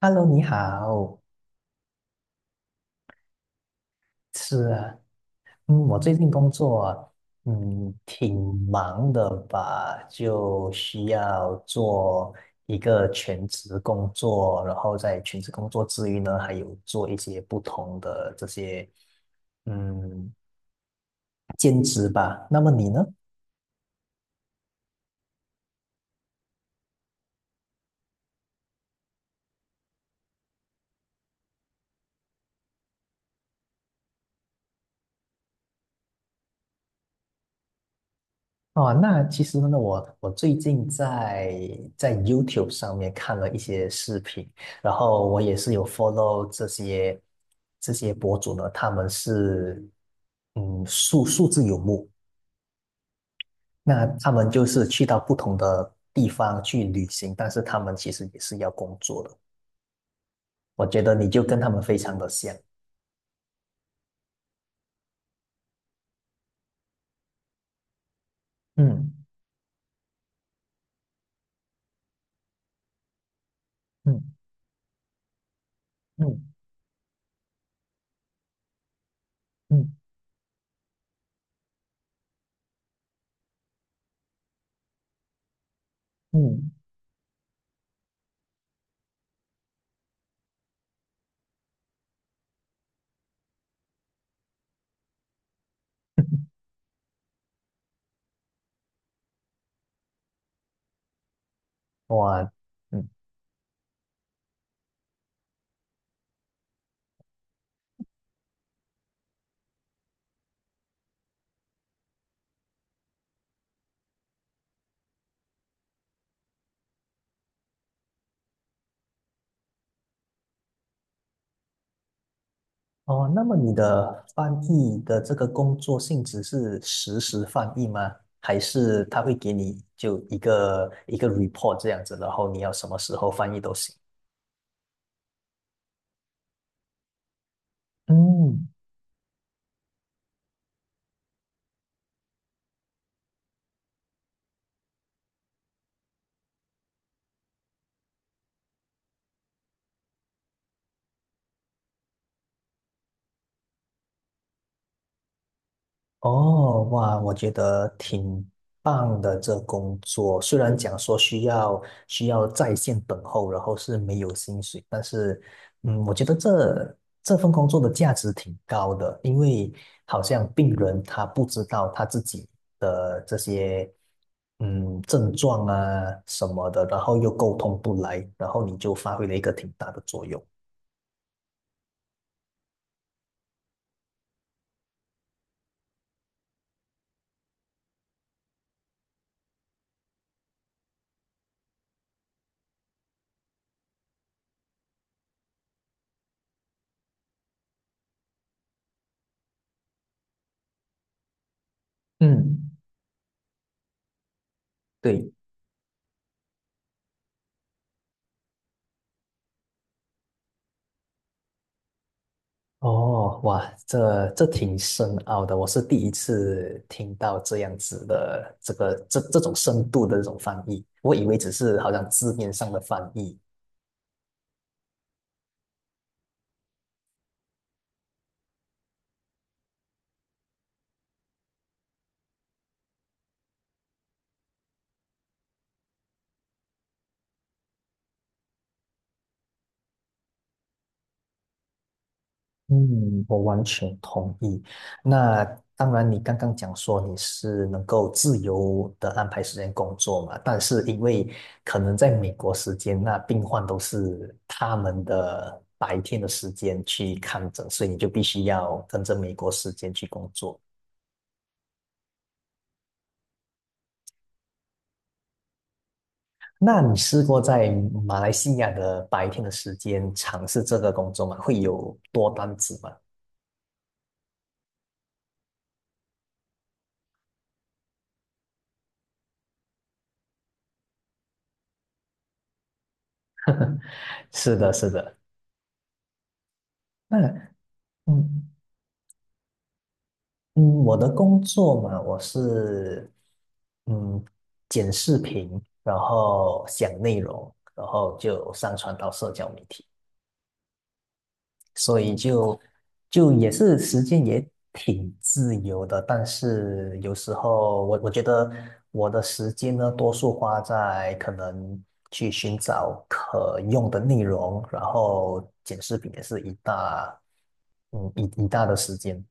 Hello，你好，是啊，我最近工作，挺忙的吧，就需要做一个全职工作，然后在全职工作之余呢，还有做一些不同的这些，嗯，兼职吧。那么你呢？哦，那其实呢，我最近在在 YouTube 上面看了一些视频，然后我也是有 follow 这些博主呢，他们是数字游牧，那他们就是去到不同的地方去旅行，但是他们其实也是要工作的。我觉得你就跟他们非常的像，嗯嗯嗯嗯嗯，哇，嗯。哦，那么你的翻译的这个工作性质是实时翻译吗？还是他会给你就一个一个 report 这样子，然后你要什么时候翻译都行？嗯，哦，哇，我觉得挺棒的这工作，虽然讲说需要需要在线等候，然后是没有薪水，但是，我觉得这份工作的价值挺高的，因为好像病人他不知道他自己的这些症状啊什么的，然后又沟通不来，然后你就发挥了一个挺大的作用。嗯，对，哦，哇，这挺深奥的，我是第一次听到这样子的这个这种深度的这种翻译，我以为只是好像字面上的翻译。嗯，我完全同意。那当然，你刚刚讲说你是能够自由的安排时间工作嘛，但是因为可能在美国时间，那病患都是他们的白天的时间去看诊，所以你就必须要跟着美国时间去工作。那你试过在马来西亚的白天的时间尝试这个工作吗？会有多单子吗？是的，是的。那嗯嗯，我的工作嘛，我是嗯剪视频，然后讲内容，然后就上传到社交媒体。所以就就也是时间也挺自由的，但是有时候我觉得我的时间呢，多数花在可能去寻找可用的内容，然后剪视频也是一大一大的时间。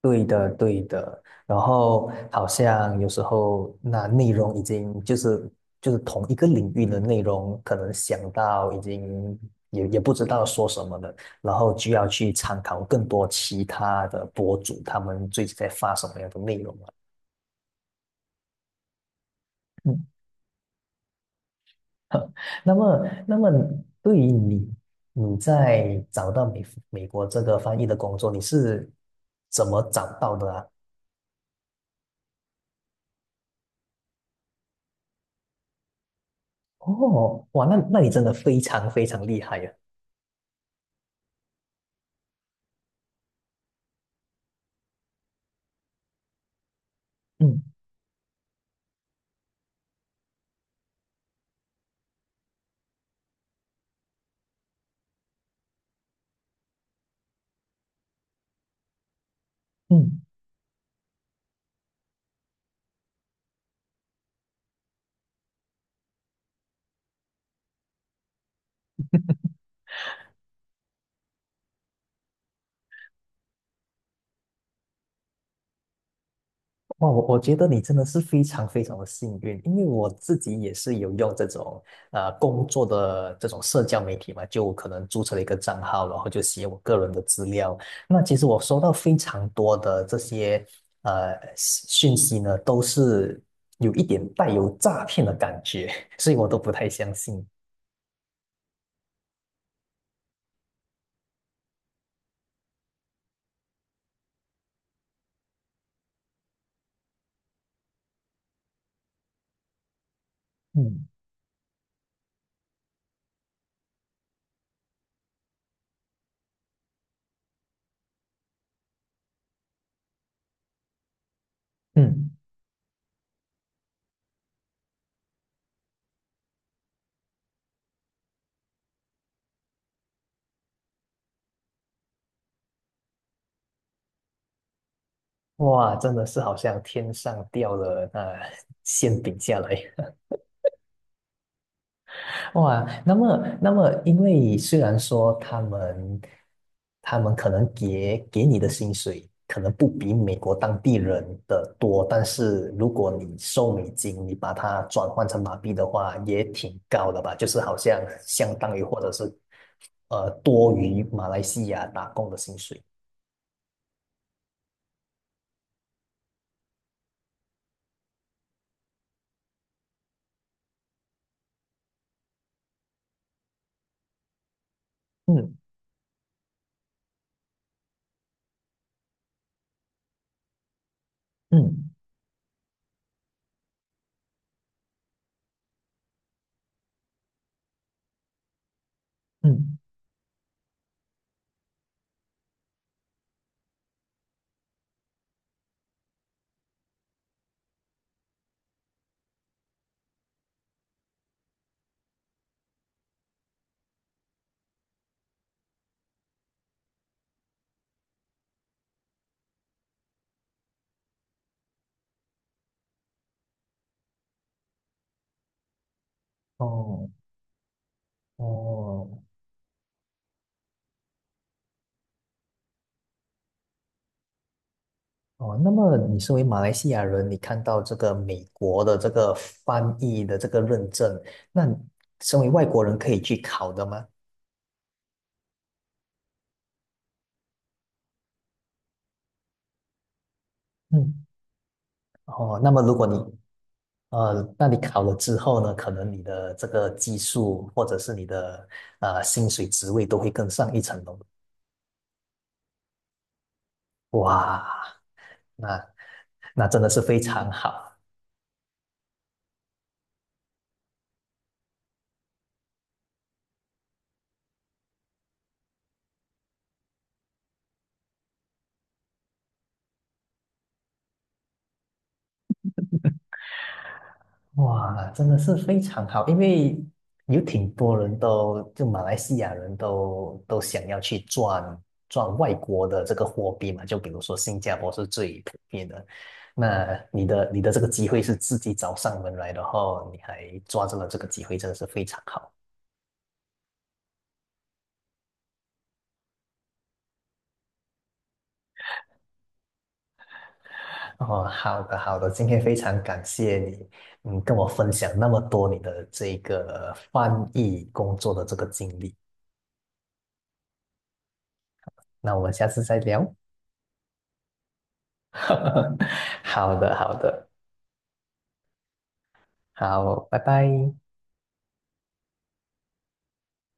对的，对的。然后好像有时候那内容已经就是就是同一个领域的内容，可能想到已经也也不知道说什么了，然后就要去参考更多其他的博主他们最近在发什么样的内容了。嗯，那么那么对于你，你在找到美国这个翻译的工作，你是怎么找到的啊？哦，哇，那那你真的非常非常厉害呀、嗯嗯，哇，我觉得你真的是非常非常的幸运，因为我自己也是有用这种工作的这种社交媒体嘛，就可能注册了一个账号，然后就写我个人的资料。那其实我收到非常多的这些讯息呢，都是有一点带有诈骗的感觉，所以我都不太相信。嗯嗯，哇，真的是好像天上掉了那、馅饼下来。哇，那么，那么，因为虽然说他们，他们可能给你的薪水可能不比美国当地人的多，但是如果你收美金，你把它转换成马币的话，也挺高的吧？就是好像相当于或者是多于马来西亚打工的薪水。嗯嗯嗯，哦哦，哦，那么你身为马来西亚人，你看到这个美国的这个翻译的这个认证，那身为外国人可以去考的吗？嗯，哦，那么如果你那你考了之后呢，可能你的这个技术或者是你的薪水职位都会更上一层楼。哇，那那真的是非常好。哇，真的是非常好，因为有挺多人都，就马来西亚人都想要去赚赚外国的这个货币嘛，就比如说新加坡是最普遍的。那你的这个机会是自己找上门来，的后你还抓住了这个机会，真的是非常好。哦，好的好的，今天非常感谢你，嗯，跟我分享那么多你的这个翻译工作的这个经历。那我们下次再聊。好的，好的，好，拜拜。